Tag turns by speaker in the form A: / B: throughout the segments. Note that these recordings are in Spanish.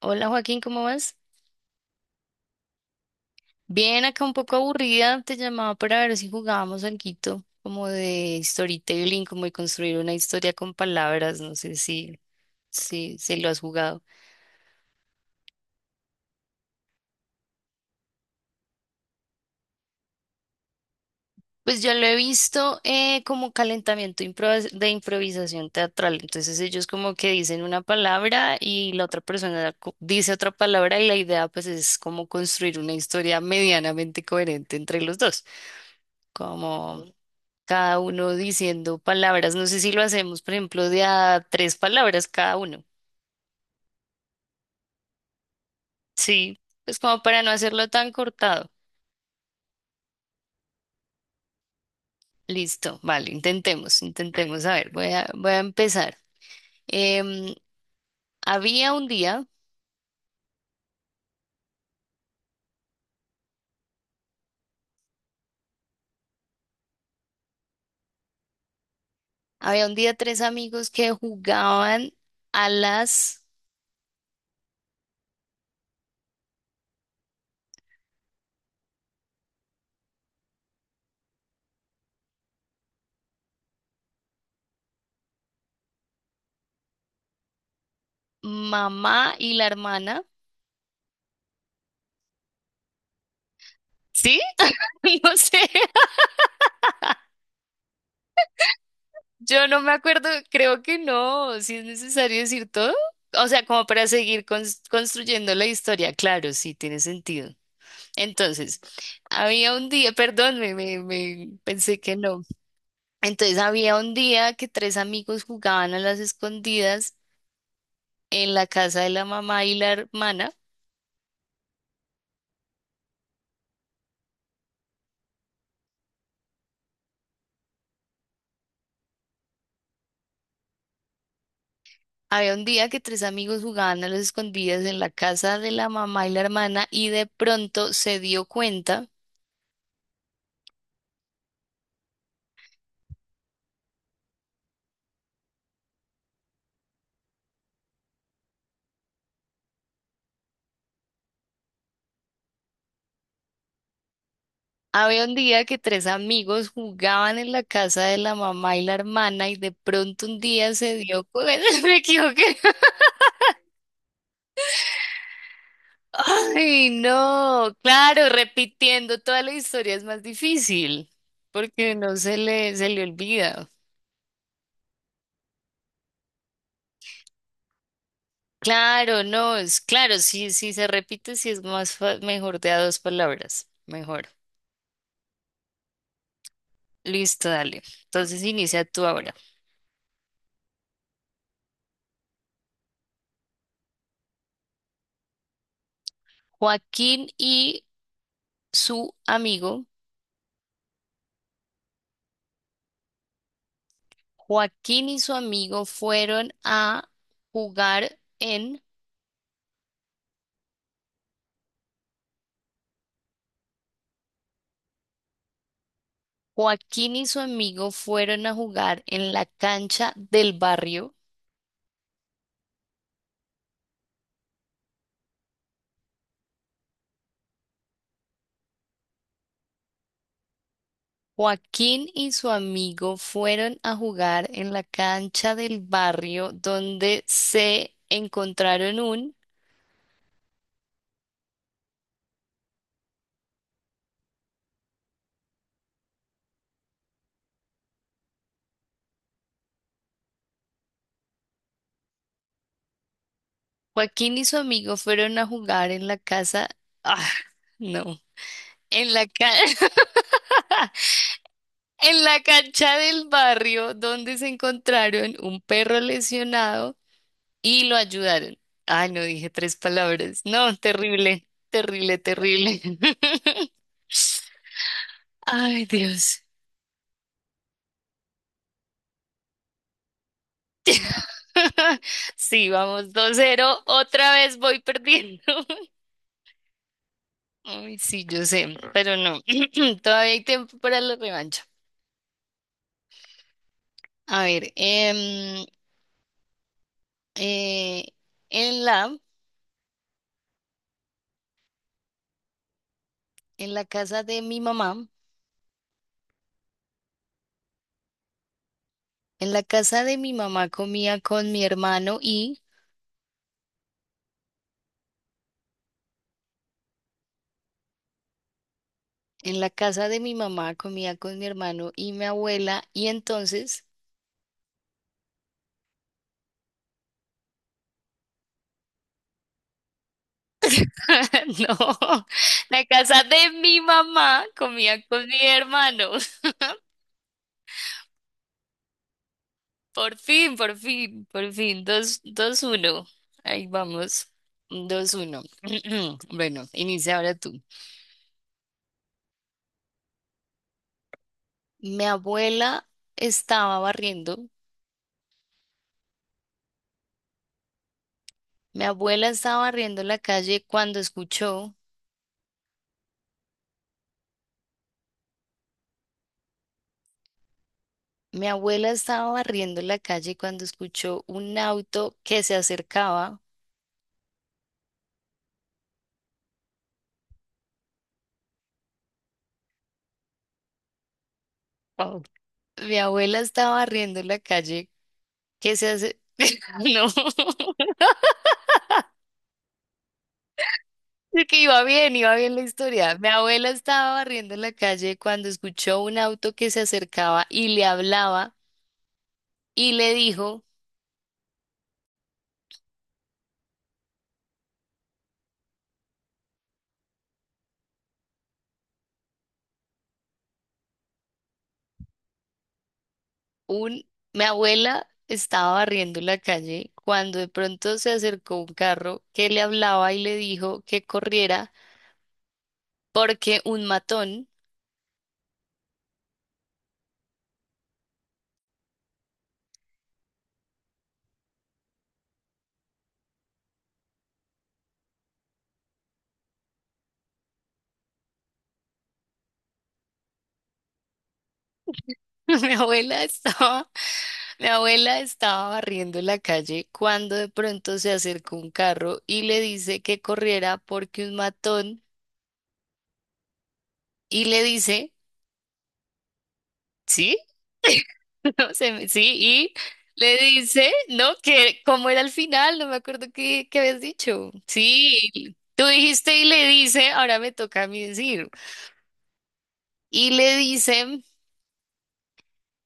A: Hola Joaquín, ¿cómo vas? Bien, acá un poco aburrida, te llamaba para ver si jugábamos algo como de storytelling, como de construir una historia con palabras, no sé si lo has jugado. Pues yo lo he visto como calentamiento de improvisación teatral, entonces ellos como que dicen una palabra y la otra persona dice otra palabra y la idea pues es como construir una historia medianamente coherente entre los dos, como cada uno diciendo palabras. No sé si lo hacemos, por ejemplo, de a tres palabras cada uno. Sí, pues como para no hacerlo tan cortado. Listo, vale, intentemos, intentemos. A ver, voy a, voy a empezar. Em, Había un día, había un día tres amigos que jugaban a las mamá y la hermana. ¿Sí? No sé. Yo no me acuerdo, creo que no, si es necesario decir todo. O sea, como para seguir construyendo la historia, claro, sí, tiene sentido. Entonces, había un día, perdón, me pensé que no. Entonces, había un día que tres amigos jugaban a las escondidas en la casa de la mamá y la hermana. Había un día que tres amigos jugaban a las escondidas en la casa de la mamá y la hermana y de pronto se dio cuenta. Había un día que tres amigos jugaban en la casa de la mamá y la hermana y de pronto un día se dio cuenta, me equivoqué. Ay, no, claro, repitiendo toda la historia es más difícil porque no se le olvida. Claro, no, es claro, sí, sí se repite, sí es más mejor de a dos palabras, mejor. Listo, dale. Entonces inicia tú ahora. Joaquín y su amigo. Joaquín y su amigo fueron a jugar en. Joaquín y su amigo fueron a jugar en la cancha del barrio. Joaquín y su amigo fueron a jugar en la cancha del barrio donde se encontraron un. Joaquín y su amigo fueron a jugar en la casa. Ah, no. En la cancha. En la cancha del barrio donde se encontraron un perro lesionado y lo ayudaron. Ay, no dije tres palabras. No, terrible, terrible, terrible. Ay, Dios. Sí, vamos, 2-0. Otra vez voy perdiendo. Ay, sí, yo sé, pero no. Todavía hay tiempo para la revancha. A ver, eh, en la, en la casa de mi mamá, en la casa de mi mamá comía con mi hermano y. En la casa de mi mamá comía con mi hermano y mi abuela y entonces, no, la casa de mi mamá comía con mi hermano. Por fin, por fin, por fin, dos, dos, uno. Ahí vamos, 2-1. Bueno, inicia ahora tú. Mi abuela estaba barriendo, mi abuela estaba barriendo la calle cuando escuchó, mi abuela estaba barriendo la calle cuando escuchó un auto que se acercaba. Oh. Mi abuela estaba barriendo la calle. ¿Qué se hace? No. Es que iba bien la historia. Mi abuela estaba barriendo la calle cuando escuchó un auto que se acercaba y le hablaba y le dijo un... Mi abuela estaba barriendo la calle cuando de pronto se acercó un carro que le hablaba y le dijo que corriera porque un matón. Mi abuela estaba, mi abuela estaba barriendo la calle cuando de pronto se acercó un carro y le dice que corriera porque un matón y le dice, ¿sí? No sé, sí, y le dice, ¿no? Que como era el final, no me acuerdo qué, qué habías dicho. Sí, tú dijiste y le dice, ahora me toca a mí decir. Y le dice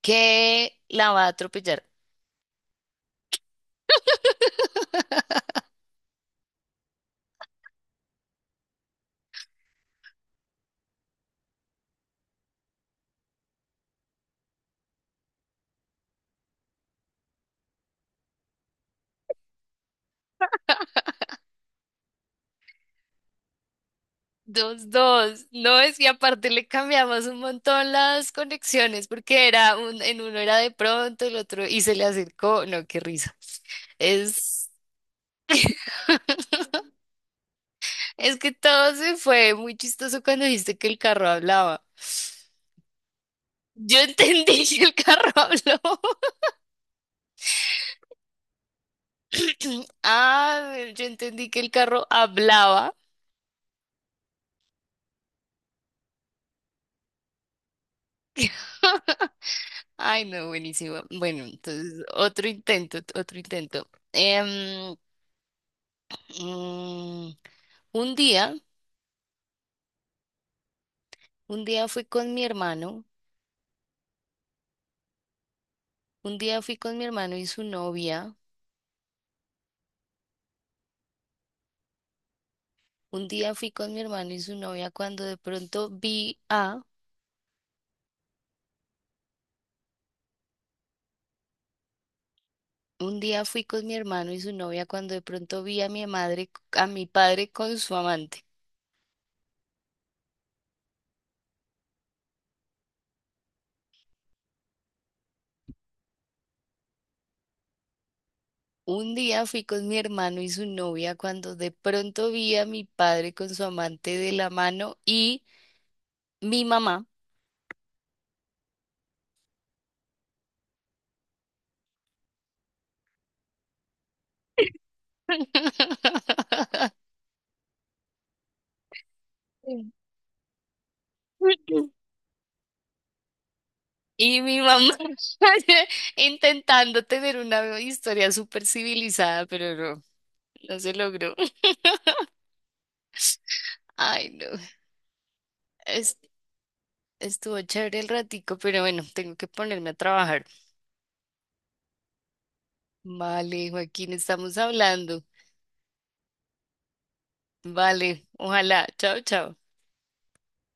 A: que la va a atropellar. 2-2. No, es que aparte le cambiamos un montón las conexiones porque era un, en uno era de pronto, el otro y se le acercó. No, qué risa. Es, es que todo se fue muy chistoso cuando dijiste que el carro hablaba. Yo entendí que el carro habló. Ah, bueno, yo entendí que el carro hablaba. Ay, no, buenísimo. Bueno, entonces otro intento, otro intento. Mm, Un día, un día fui con mi hermano, un día fui con mi hermano y su novia, un día fui con mi hermano y su novia cuando de pronto vi a, un día fui con mi hermano y su novia cuando de pronto vi a mi madre, a mi padre con su amante. Un día fui con mi hermano y su novia cuando de pronto vi a mi padre con su amante de la mano y mi mamá. Y mi mamá intentando tener una historia súper civilizada, pero no, no se logró. Ay, no. Es- estuvo chévere el ratico, pero bueno, tengo que ponerme a trabajar. Vale, Joaquín, estamos hablando. Vale, ojalá. Chao, chao.